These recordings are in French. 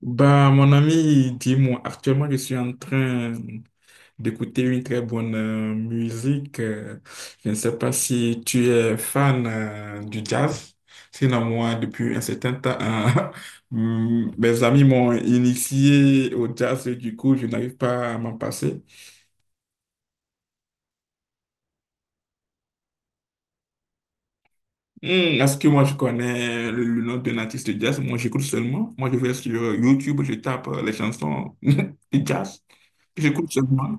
Bah, mon ami, dis-moi, actuellement, je suis en train d'écouter une très bonne musique. Je ne sais pas si tu es fan du jazz. Sinon, moi, depuis un certain temps, mes amis m'ont initié au jazz et du coup, je n'arrive pas à m'en passer. Hmm, Est-ce que moi, je connais le nom d'un artiste de jazz? Moi, j'écoute seulement. Moi, je vais sur YouTube, je tape les chansons du jazz. J'écoute seulement.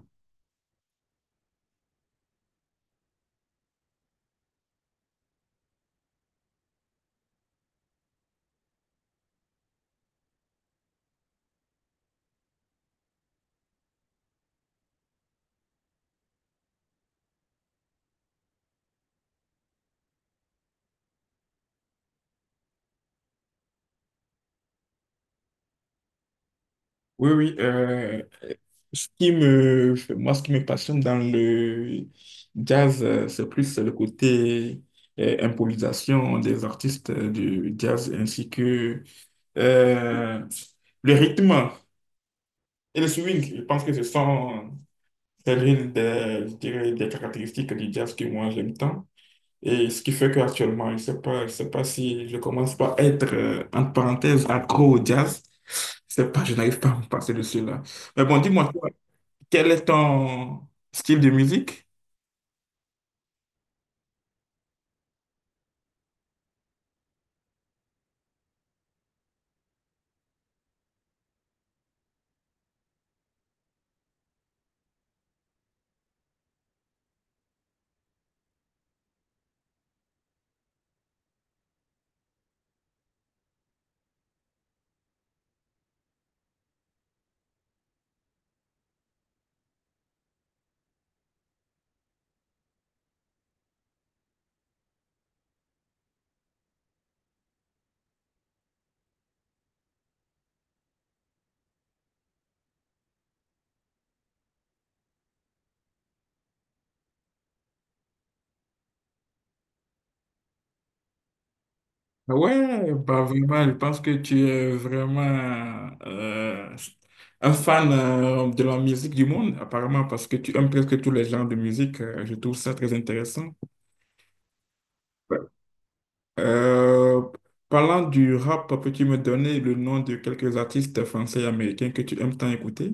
Oui, oui. Moi, ce qui me passionne dans le jazz, c'est plus le côté improvisation des artistes du jazz ainsi que euh, le rythme et le swing. Je pense que ce sont c'est l'une des, je dirais, des caractéristiques du jazz que moi j'aime tant. Et ce qui fait qu'actuellement, je sais pas si je commence pas à être, entre parenthèses, accro au jazz. Je sais pas, je n'arrive pas à me passer de celui-là. Mais bon, dis-moi, toi, quel est ton style de musique? Ah ouais, bah vraiment, je pense que tu es vraiment un fan de la musique du monde, apparemment, parce que tu aimes presque tous les genres de musique. Je trouve ça très intéressant. Euh, parlant du rap, peux-tu me donner le nom de quelques artistes français et américains que tu aimes tant écouter?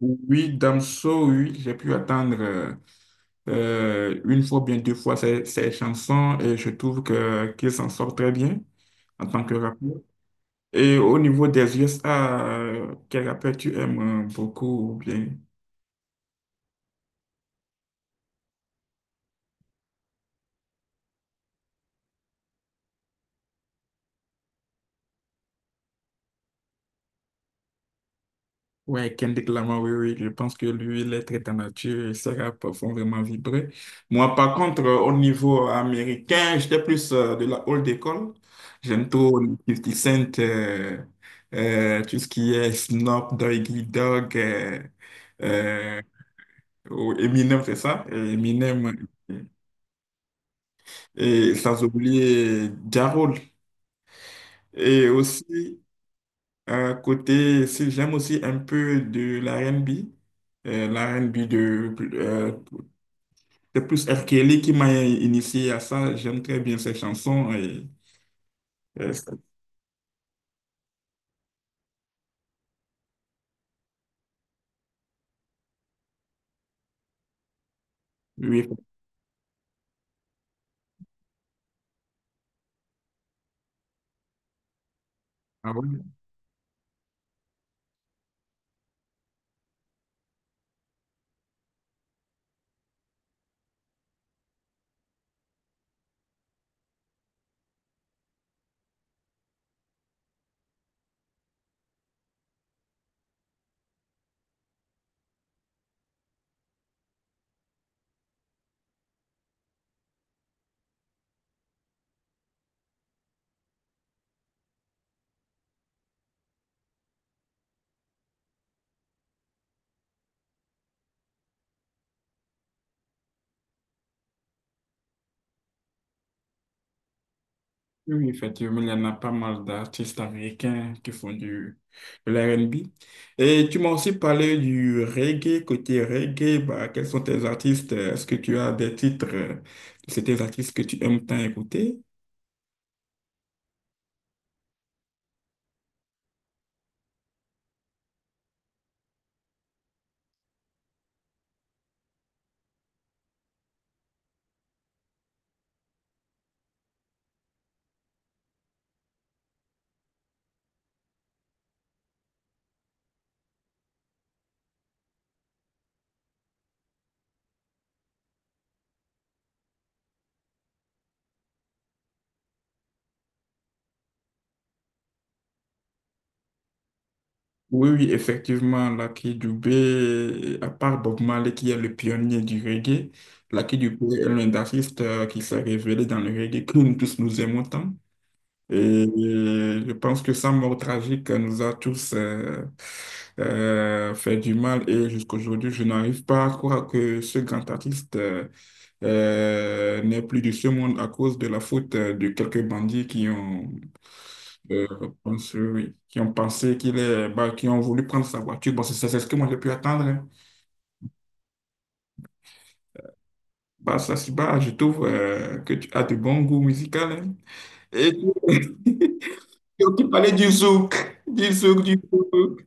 Oui, Damso, oui, j'ai pu attendre une fois, bien deux fois ses chansons et je trouve que qu'il s'en sort très bien en tant que rappeur. Et au niveau des USA, quel rappeur tu aimes beaucoup ou bien? Ouais, Kendrick Lamar, oui, oui, je pense que lui, il est très en nature et ses rap font vraiment vibrer. Moi, par contre, au niveau américain, j'étais plus de la old école. J'aime trop 50 Cent, tout ce qui est Snoop Doggy Dogg, euh, ou Eminem, c'est ça? Eminem, et sans oublier Ja Rule. Et aussi, côté, si j'aime aussi un peu de l'R&B, de, de plus R. Kelly qui m'a initié à ça. J'aime très bien ses chansons. Et, euh, oui, ah ouais. Oui, oui, effectivement, il y en a pas mal d'artistes américains qui font de l'R&B. Et tu m'as aussi parlé du reggae, côté reggae, bah, quels sont tes artistes? Est-ce que tu as des titres de ces artistes que tu aimes tant écouter? Oui, oui, effectivement, Lucky Dubé, à part Bob Marley qui est le pionnier du reggae, Lucky Dubé est l'un des artistes qui s'est révélé dans le reggae que nous tous nous aimons tant. Et je pense que sa mort tragique nous a tous fait du mal et jusqu'aujourd'hui, je n'arrive pas à croire que ce grand artiste n'est plus de ce monde à cause de la faute de quelques bandits qui ont euh, oui, oui, qui ont pensé qui ont voulu prendre sa voiture. Bon, c'est ce que moi j'ai pu attendre, hein. Bah, ça, c'est bah, je trouve que tu as de bons goûts musicaux, hein. Et tu parlais du zouk, du zouk, du zouk.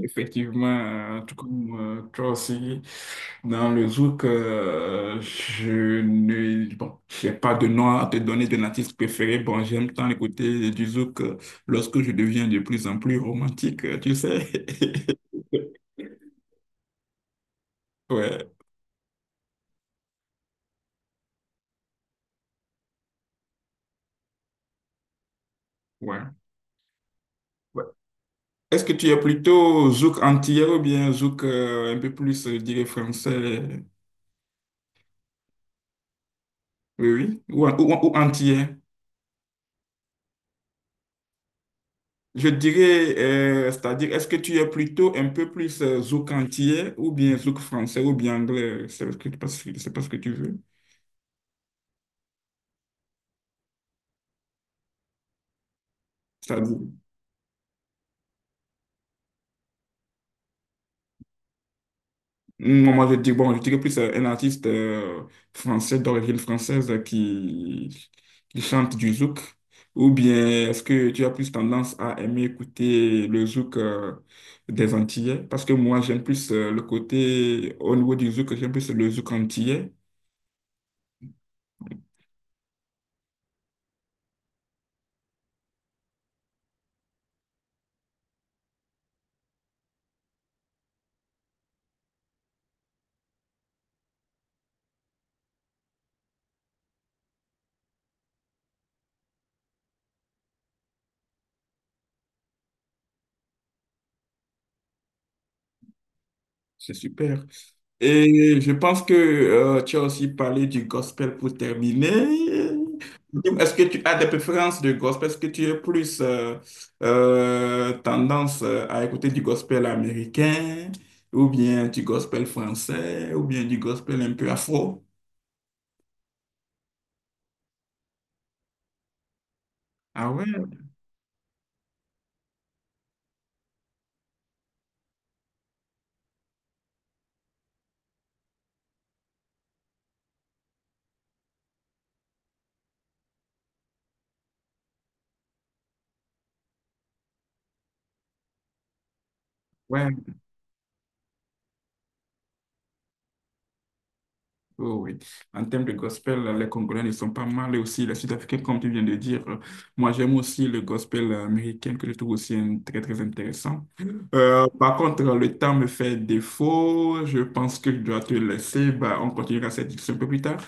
Effectivement, tout comme toi aussi, dans le zouk, je ne, bon, j'ai pas de nom à te donner de l'artiste préféré. Bon, j'aime tant écouter du zouk lorsque je deviens de plus en plus romantique, tu sais. Ouais, ouais, ouais. Est-ce que tu es plutôt zouk antillais ou bien zouk un peu plus, je dirais, français? Oui, oui. Ou antillais? Je dirais, c'est-à-dire, est-ce que tu es plutôt un peu plus zouk antillais ou bien zouk français ou bien anglais? C'est pas ce que tu veux. C'est-à-dire, moi, je dis, bon, je dirais plus un artiste français d'origine française qui chante du zouk. Ou bien est-ce que tu as plus tendance à aimer écouter le zouk des Antillais? Parce que moi, j'aime plus le côté, au niveau du zouk, j'aime plus le zouk antillais. C'est super. Et je pense que tu as aussi parlé du gospel pour terminer. Est-ce que tu as des préférences de gospel? Est-ce que tu es plus tendance à écouter du gospel américain ou bien du gospel français ou bien du gospel un peu afro? Ah ouais, ouais. Oh oui. En termes de gospel, les Congolais ne sont pas mal et aussi les Sud-Africains, comme tu viens de dire. Moi, j'aime aussi le gospel américain que je trouve aussi très, très intéressant. Par contre, le temps me fait défaut. Je pense que je dois te laisser. Bah, on continuera cette discussion un peu plus tard.